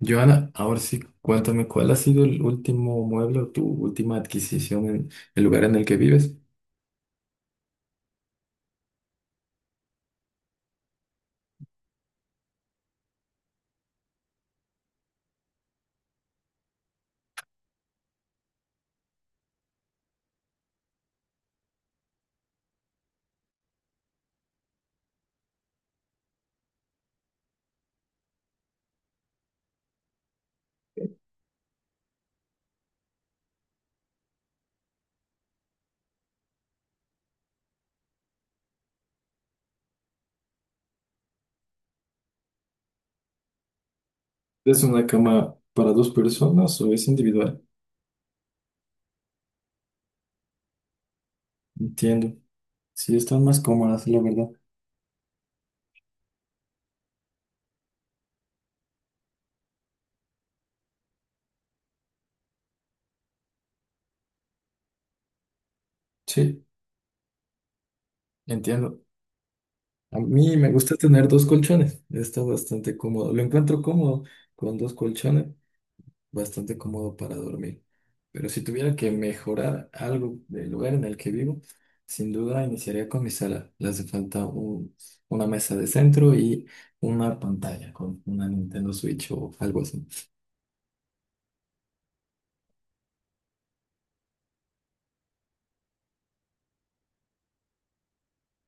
Joana, ahora sí, cuéntame, ¿cuál ha sido el último mueble o tu última adquisición en el lugar en el que vives? ¿Es una cama para dos personas o es individual? Entiendo. Sí, están más cómodas, la verdad. Sí, entiendo. A mí me gusta tener dos colchones. Está bastante cómodo. Lo encuentro cómodo con dos colchones, bastante cómodo para dormir. Pero si tuviera que mejorar algo del lugar en el que vivo, sin duda iniciaría con mi sala. Le hace falta una mesa de centro y una pantalla con una Nintendo Switch o algo así.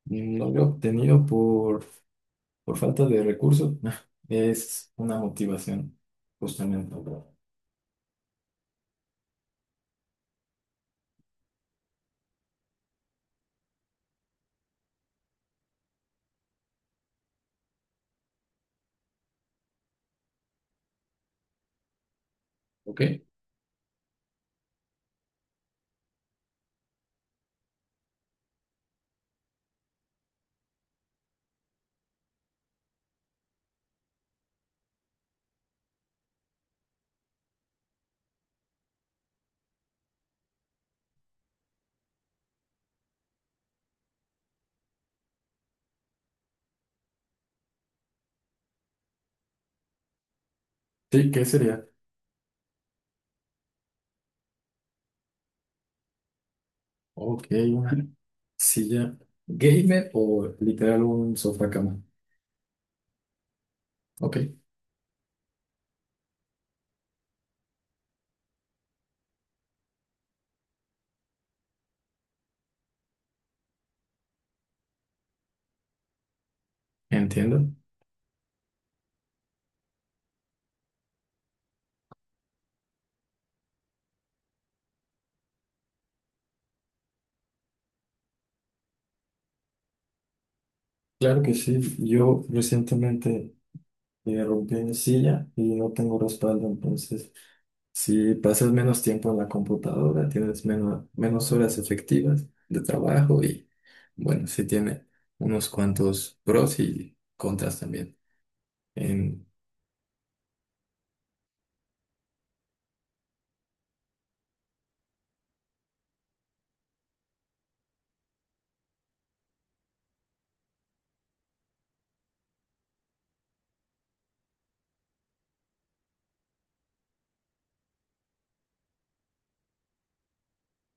No lo he obtenido por falta de recursos. Es una motivación, justamente. ¿Ok? Sí, ¿qué sería? Ok, una silla gamer o literal un sofá cama. Ok, entiendo. Claro que sí, yo recientemente rompí mi silla y no tengo respaldo, entonces si pasas menos tiempo en la computadora, tienes menos horas efectivas de trabajo y bueno, sí tiene unos cuantos pros y contras también. En-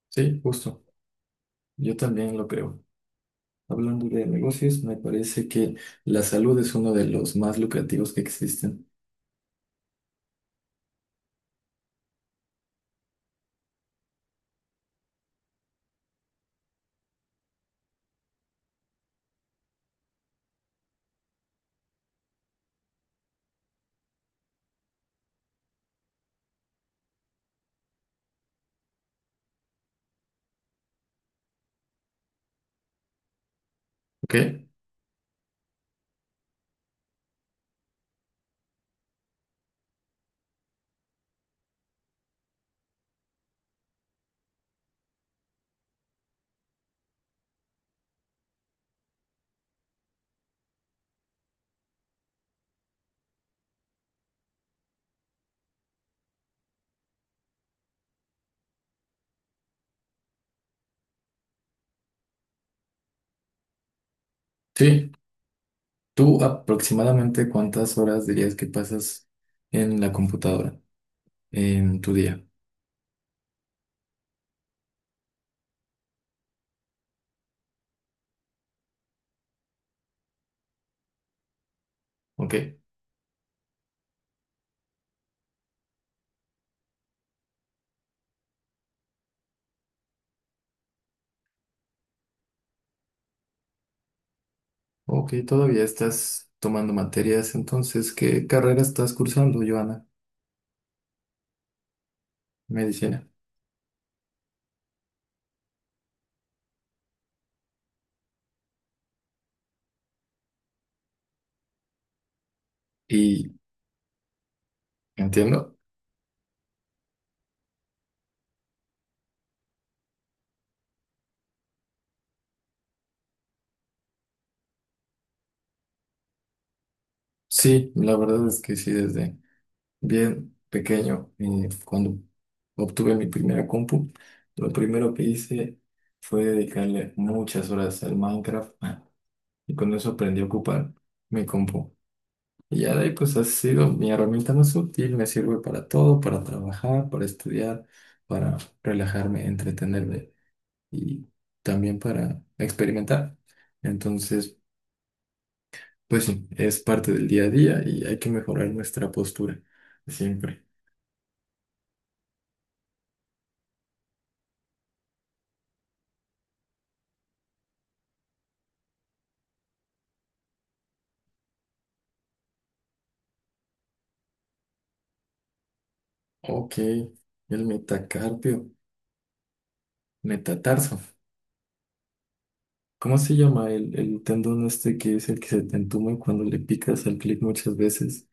sí, justo, yo también lo creo. Hablando de negocios, me parece que la salud es uno de los más lucrativos que existen. ¿Ok? Sí. ¿Tú aproximadamente cuántas horas dirías que pasas en la computadora en tu día? Ok, ok, todavía estás tomando materias, entonces, ¿qué carrera estás cursando, Joana? Medicina. Y entiendo. Sí, la verdad es que sí, desde bien pequeño, cuando obtuve mi primera compu, lo primero que hice fue dedicarle muchas horas al Minecraft, ah, y con eso aprendí a ocupar mi compu. Y ya de ahí pues ha sido mi herramienta más útil, me sirve para todo, para trabajar, para estudiar, para relajarme, entretenerme y también para experimentar. Entonces, pues sí, es parte del día a día y hay que mejorar nuestra postura siempre. Ok, el metacarpio, metatarso. ¿Cómo se llama el tendón este que es el que se te entuma cuando le picas al clic muchas veces?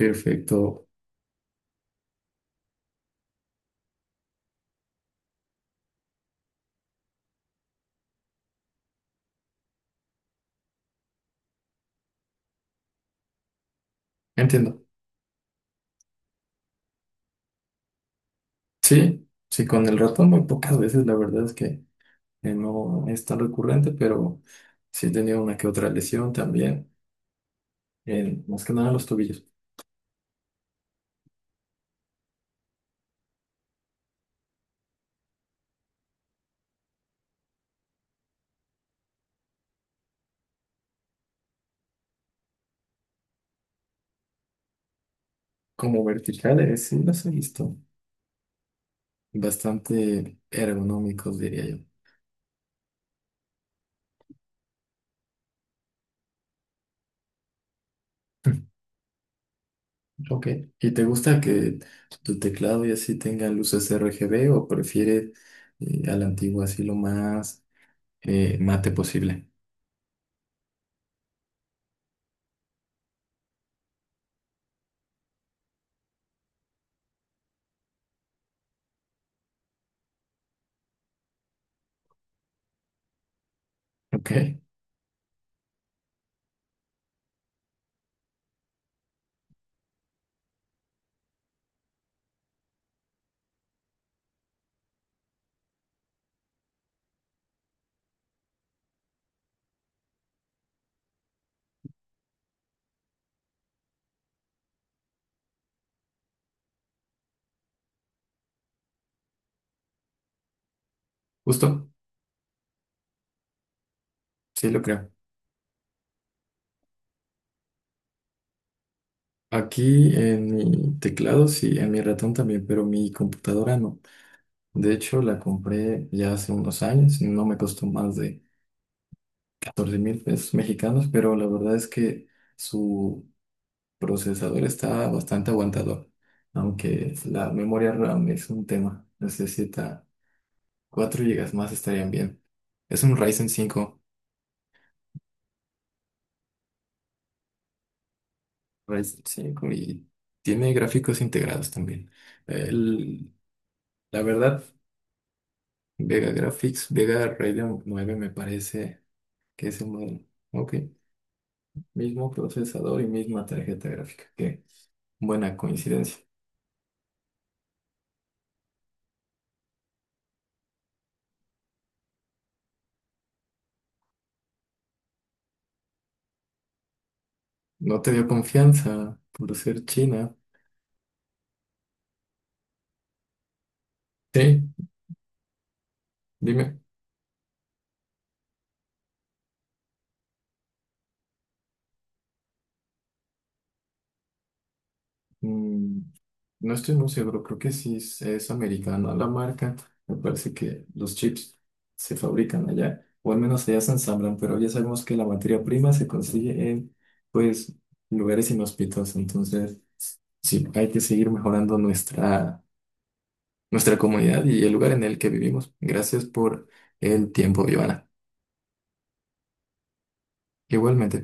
Perfecto, entiendo. Sí, sí, con el ratón muy pocas veces, la verdad es que no es tan recurrente, pero sí he tenido una que otra lesión también, más que nada en los tobillos. Como verticales, sí las he visto, bastante ergonómicos, diría yo. Ok, ¿y te gusta que tu teclado y así tenga luces RGB o prefieres a la antigua así lo más mate posible? Ok, justo, sí lo creo. Aquí en mi teclado, sí, en mi ratón también, pero mi computadora no. De hecho, la compré ya hace unos años, no me costó más de 14,000 pesos mexicanos, pero la verdad es que su procesador está bastante aguantador, aunque la memoria RAM es un tema, necesita 4 gigas más estarían bien. Es un Ryzen 5. Ryzen 5 y tiene gráficos integrados también. El- la verdad... Vega Graphics, Vega Radeon 9, me parece que es el modelo. Ok, mismo procesador y misma tarjeta gráfica. Qué buena coincidencia. No te dio confianza por ser china. Sí, dime. Mm, no estoy muy seguro, creo que sí es americana la marca. Me parece que los chips se fabrican allá, o al menos allá se ensamblan, pero ya sabemos que la materia prima se consigue en, pues, lugares inhóspitos. Entonces, sí, hay que seguir mejorando nuestra comunidad y el lugar en el que vivimos. Gracias por el tiempo, Giovanna. Igualmente.